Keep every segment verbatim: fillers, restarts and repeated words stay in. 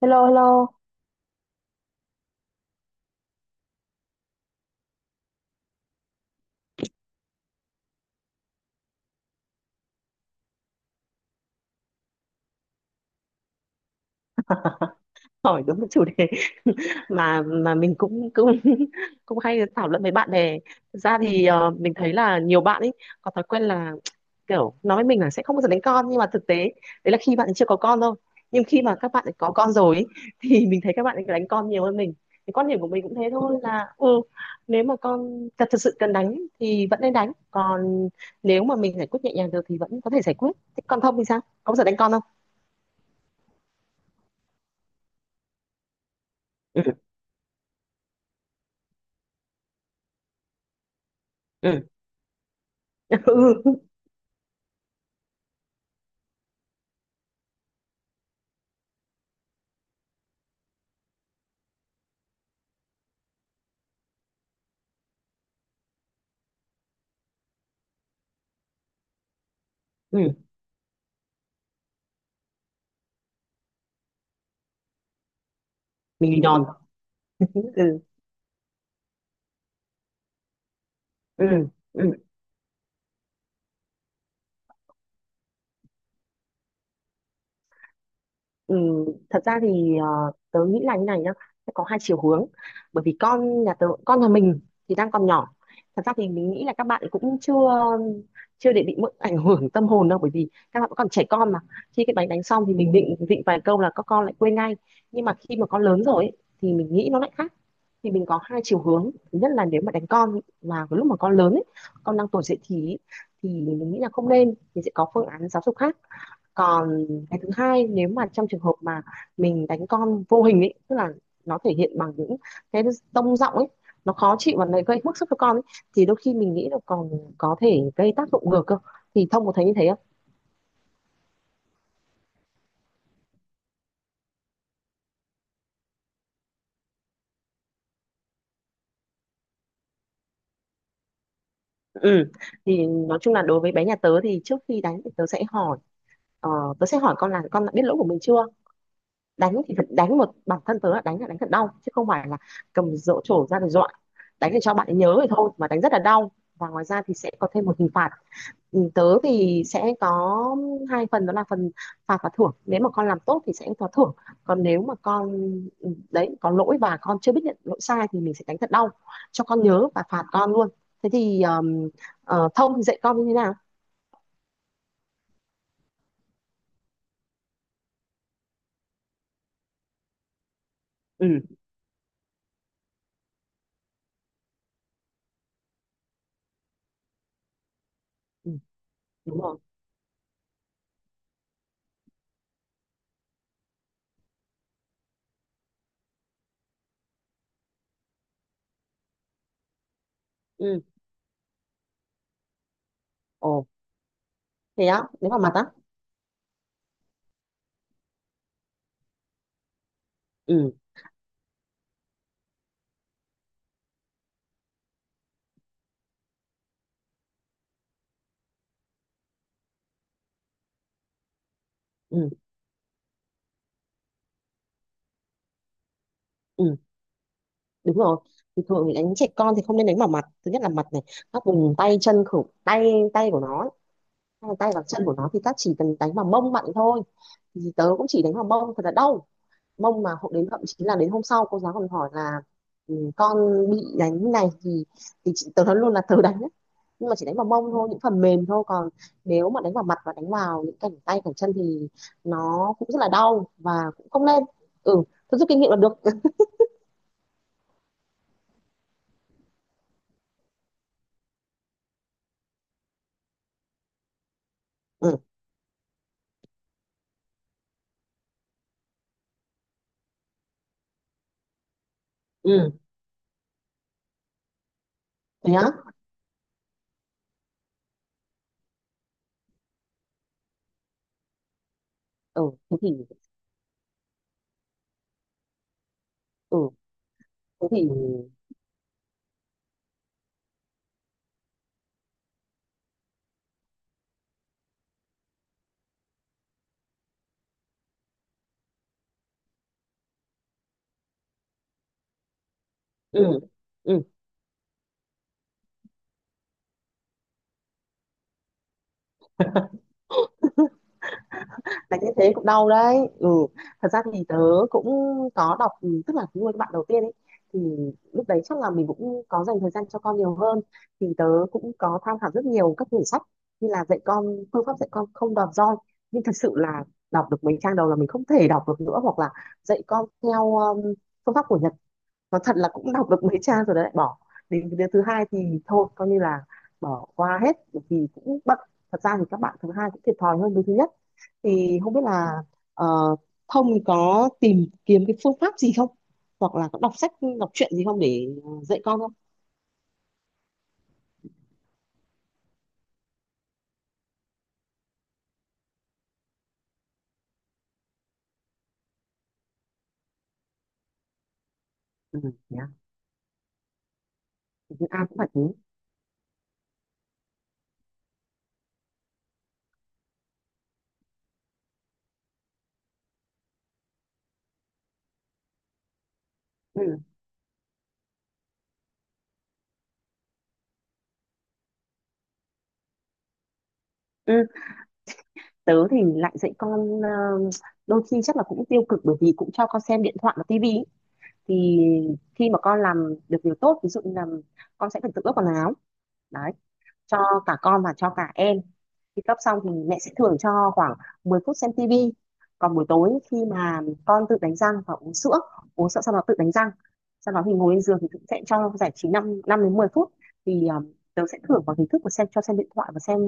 Hello, hello. Hỏi đúng cái chủ đề mà mà mình cũng cũng cũng hay thảo luận với bạn bè. Thực ra thì ờ, mình thấy là nhiều bạn ấy có thói quen là kiểu nói với mình là sẽ không bao giờ đánh con, nhưng mà thực tế đấy là khi bạn ấy chưa có con thôi. Nhưng khi mà các bạn ấy có con rồi ấy, thì mình thấy các bạn ấy đánh con nhiều hơn mình. Cái quan điểm của mình cũng thế thôi, là ừ nếu mà con thật thật sự cần đánh thì vẫn nên đánh. Còn nếu mà mình giải quyết nhẹ nhàng được thì vẫn có thể giải quyết. Thế còn không thì sao? Có bao giờ đánh con không? Ừ. Ừ. Ừ. Mình giòn. Ừ, ừ, ừ. Ừ, thật ra thì ờ, tớ nghĩ là như này nhá, sẽ có hai chiều hướng. Bởi vì con nhà tớ, con nhà mình thì đang còn nhỏ, thật ra thì mình nghĩ là các bạn cũng chưa chưa để bị mỡ- ảnh hưởng tâm hồn đâu, bởi vì các bạn vẫn còn trẻ con mà. Khi cái bánh đánh xong thì mình định định vài câu là các con lại quên ngay. Nhưng mà khi mà con lớn rồi ấy, thì mình nghĩ nó lại khác. Thì mình có hai chiều hướng, thứ nhất là nếu mà đánh con mà cái lúc mà con lớn ấy, con đang tuổi dậy thì ấy, thì mình nghĩ là không nên, thì sẽ có phương án giáo dục khác. Còn cái thứ hai, nếu mà trong trường hợp mà mình đánh con vô hình ấy, tức là nó thể hiện bằng những cái tông giọng ấy, nó khó chịu và nó gây bức xúc cho con ấy, thì đôi khi mình nghĩ là còn có thể gây tác dụng ngược cơ. Thì Thông có thấy như thế không? Ừ. Thì nói chung là đối với bé nhà tớ thì trước khi đánh thì tớ sẽ hỏi, ờ, tớ sẽ hỏi con là con đã biết lỗi của mình chưa? Đánh thì phải đánh một bản thân tớ là đánh, là đánh thật đau, chứ không phải là cầm dỗ trổ ra để dọa. Đánh để cho bạn ấy nhớ thì thôi, mà đánh rất là đau, và ngoài ra thì sẽ có thêm một hình phạt. Ừ, tớ thì sẽ có hai phần, đó là phần phạt và thưởng, nếu mà con làm tốt thì sẽ có thưởng, còn nếu mà con ừ, đấy, có lỗi và con chưa biết nhận lỗi sai thì mình sẽ đánh thật đau cho con nhớ và phạt con luôn. Thế thì um, ờ, Thông thì dạy con như thế nào? Ừ, ừ, đúng rồi. Ừ. Ồ, thế á? Đánh vào mặt á? Ừ, ừ, ừ, đúng rồi. Thì thường thì đánh trẻ con thì không nên đánh vào mặt, thứ nhất là mặt này, các vùng tay chân khử, tay tay của nó, hay là tay và chân của nó, thì ta chỉ cần đánh vào mông bạn thôi. Thì tớ cũng chỉ đánh vào mông thật là đau, mông mà hộ đến, thậm chí là đến hôm sau cô giáo còn hỏi là "Ừ, con bị đánh như này thì thì chị, tớ nói luôn là tớ đánh đấy, nhưng mà chỉ đánh vào mông thôi, những phần mềm thôi. Còn nếu mà đánh vào mặt và đánh vào những cẳng tay cẳng chân thì nó cũng rất là đau và cũng không nên. Ừ, tôi rút kinh nghiệm là được. Ừ, ừ. Thế á? Ừ, thế thì ừ, thế thì ừ, ừ. Đánh như thế cũng đau đấy. Ừ, thật ra thì tớ cũng có đọc, ừ, tức là nuôi các bạn đầu tiên ấy, thì lúc đấy chắc là mình cũng có dành thời gian cho con nhiều hơn, thì tớ cũng có tham khảo rất nhiều các quyển sách như là dạy con, phương pháp dạy con không đòn roi, nhưng thật sự là đọc được mấy trang đầu là mình không thể đọc được nữa, hoặc là dạy con theo um, phương pháp của Nhật, nó thật là cũng đọc được mấy trang rồi đấy lại bỏ. Đến cái đứa thứ hai thì thôi coi như là bỏ qua hết bởi vì cũng bận. Thật ra thì các bạn thứ hai cũng thiệt thòi hơn đứa thứ nhất. Thì không biết là ờ, Thông thì có tìm kiếm cái phương pháp gì không, hoặc là có đọc sách, đọc truyện gì không để ờ, dạy con không? Ừ, yeah. Thì ai cũng phải thế. Ừ. Ừ. Tớ thì lại dạy con ờ, đôi khi chắc là cũng tiêu cực bởi vì cũng cho con xem điện thoại và tivi ý. Thì khi mà con làm được điều tốt, ví dụ như là con sẽ phải tự ước quần áo đấy, cho cả con và cho cả em. Khi cấp xong thì mẹ sẽ thưởng cho khoảng mười phút xem tivi. Còn buổi tối khi mà con tự đánh răng và uống sữa, uống sữa sau đó tự đánh răng, sau đó thì ngồi lên giường thì cũng sẽ cho giải trí năm, năm năm đến mười phút. Thì um, tớ sẽ thưởng vào hình thức của xem, cho xem điện thoại và xem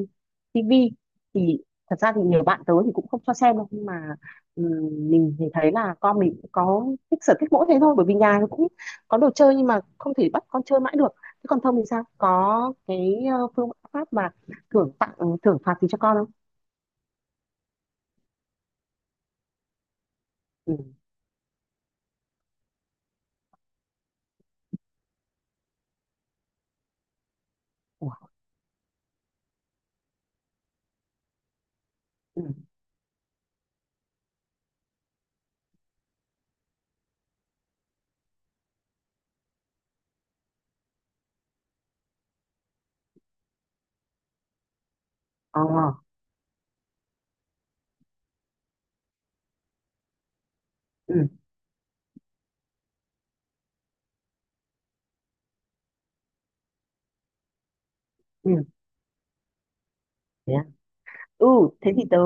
tivi. Thì thật ra thì nhiều bạn tớ thì cũng không cho xem đâu, nhưng mà ừm, mình thì thấy là con mình cũng có thích sở thích mỗi thế thôi, bởi vì nhà nó cũng có đồ chơi nhưng mà không thể bắt con chơi mãi được. Thế còn Thông thì sao? Có cái ờ, phương pháp mà thưởng tặng, thưởng phạt gì cho con không? Ừ. Ủa? Ừ. Ờ. Ừ. Ừ. Thế à? Ừ, thế thì tớ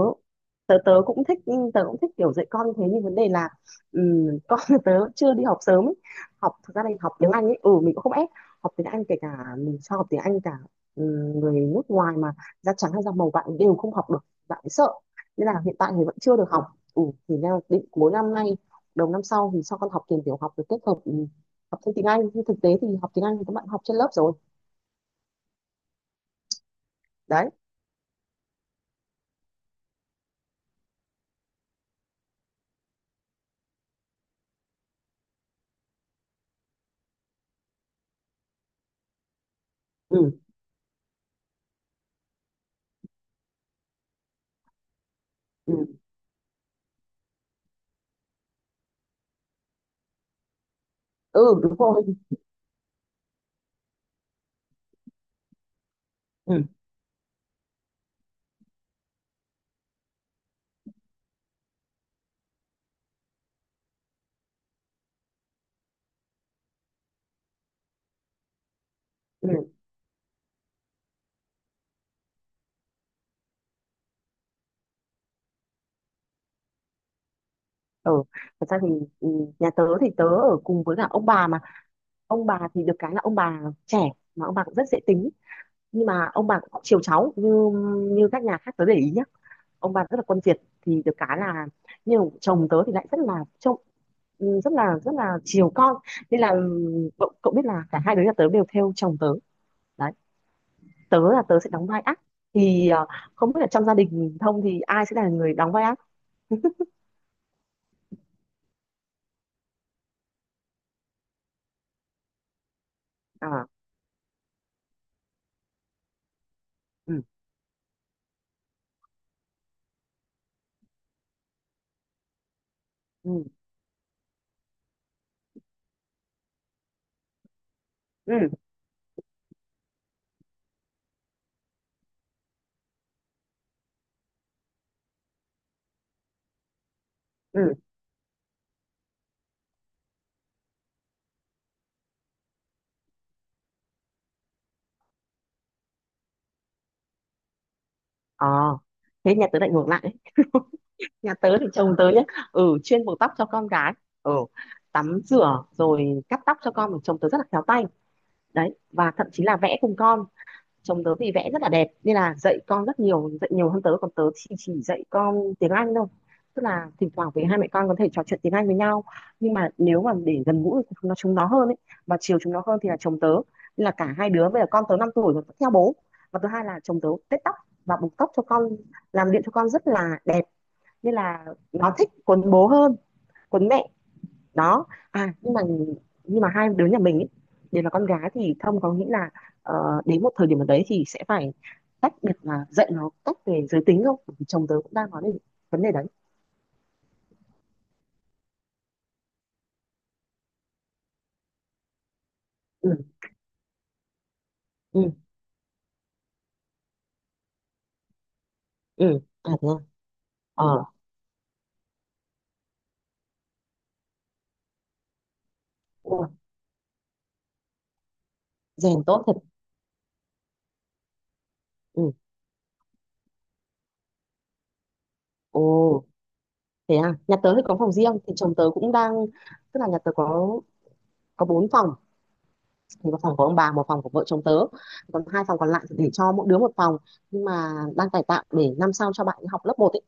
tớ tớ cũng thích, tớ cũng thích kiểu dạy con như thế, nhưng vấn đề là ừm, con tớ chưa đi học sớm ấy. Học, thực ra là học tiếng Anh ấy, ừ mình cũng không ép học tiếng Anh, kể cả mình cho học tiếng Anh cả ừm, người nước ngoài, mà da trắng hay da màu bạn đều không học được, bạn ấy sợ, nên là hiện tại thì vẫn chưa được học. Ừ, thì đang định cuối năm nay, đầu năm sau thì cho con học tiền tiểu học được kết hợp ừm, học thêm tiếng Anh, nhưng thực tế thì học tiếng Anh thì các bạn học trên lớp rồi đấy. Ừ, ừ, ừ đúng rồi. Ừ, ừ. Ừ, thật ra thì ừ, nhà tớ thì tớ ở cùng với cả ông bà mà, ông bà thì được cái là ông bà trẻ, mà ông bà cũng rất dễ tính, nhưng mà ông bà cũng chiều cháu như như các nhà khác tớ để ý nhá, ông bà rất là quân Việt, thì được cái là, nhưng chồng tớ thì lại rất là trông, ừ, rất là rất là chiều con, nên là ừ, cậu, cậu biết là cả hai đứa nhà tớ đều theo chồng tớ đấy. Tớ là tớ sẽ đóng vai ác. Thì ờ, không biết là trong gia đình Thông thì ai sẽ là người đóng vai ác. À, ừ, ừ, ừ, ừ. Ờ, thế nhà tớ lại ngược lại. Nhà tớ thì chồng tớ nhá, ừ chuyên buộc tóc cho con gái, ừ tắm rửa rồi cắt tóc cho con, chồng tớ rất là khéo tay đấy, và thậm chí là vẽ cùng con. Chồng tớ thì vẽ rất là đẹp nên là dạy con rất nhiều, dạy nhiều hơn tớ, còn tớ thì chỉ dạy con tiếng Anh thôi, tức là thỉnh thoảng với hai mẹ con có thể trò chuyện tiếng Anh với nhau, nhưng mà nếu mà để gần gũi thì chúng nó chúng nó hơn ấy, và chiều chúng nó hơn thì là chồng tớ, nên là cả hai đứa bây giờ con tớ năm tuổi rồi vẫn theo bố. Và thứ hai là chồng tớ tết tóc và buộc tóc cho con, làm điện cho con rất là đẹp, nên là nó thích cuốn bố hơn cuốn mẹ đó. À nhưng mà, nhưng mà hai đứa nhà mình ấy, đều là con gái, thì Thông có nghĩ là ờ, đến một thời điểm nào đấy thì sẽ phải tách biệt là dạy nó cách về giới tính không? Bởi vì chồng tớ cũng đang nói đến vấn đề đấy. Ừ, ừ, ừ. À thế à? Ờ. Ủa, rèn tốt thật. Ừ. Ồ, thế à? Nhà tớ thì có phòng riêng, thì chồng tớ cũng đang, tức là nhà tớ có có bốn phòng, thì một phòng của ông bà, một phòng của vợ chồng tớ, còn hai phòng còn lại thì để cho mỗi đứa một phòng, nhưng mà đang cải tạo để năm sau cho bạn ấy học lớp một ấy,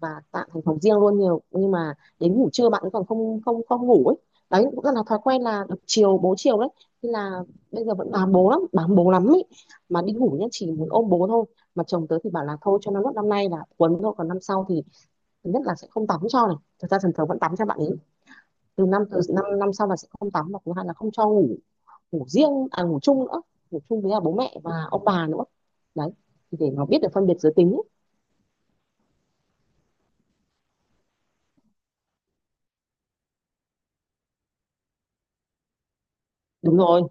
và tạo thành phòng riêng luôn nhiều. Nhưng mà đến ngủ trưa bạn ấy còn không không không ngủ ấy. Đấy cũng rất là thói quen là được chiều bố chiều đấy, nên là bây giờ vẫn bám bố lắm, bám bố lắm ấy, mà đi ngủ nhá chỉ muốn ôm bố thôi. Mà chồng tớ thì bảo là thôi cho nó nốt năm nay là quấn thôi, còn năm sau thì thứ nhất là sẽ không tắm cho này, thật ra thần thờ vẫn tắm cho bạn ấy, từ năm, từ năm năm sau là sẽ không tắm, và thứ hai là không cho ngủ, ngủ riêng à ngủ chung nữa, ngủ chung với cả bố mẹ và ông bà nữa đấy, thì để nó biết được phân biệt giới tính. Đúng rồi,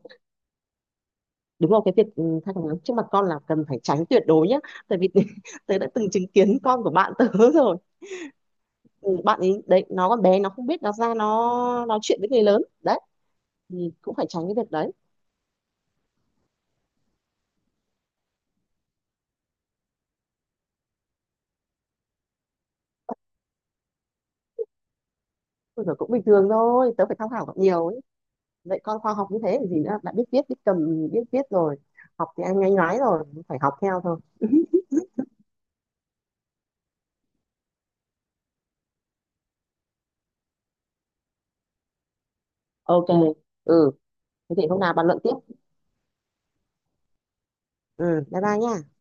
đúng rồi, cái việc ừ, thai chồng trước mặt con là cần phải tránh tuyệt đối nhá, tại vì tớ đã từng chứng kiến con của bạn tớ rồi. Ừ, bạn ấy đấy, nó còn bé nó không biết, nó ra nó nói chuyện với người lớn đấy, thì cũng phải tránh cái việc đấy. Ôi giời, cũng bình thường thôi, tớ phải tham khảo còn nhiều ấy. Dạy con khoa học như thế thì gì nữa, đã biết viết, biết cầm, biết viết rồi, học thì anh nhanh nói rồi phải học theo thôi. OK. Ừ, thế thì hôm nào bàn luận tiếp. Ừ, bye bye nha.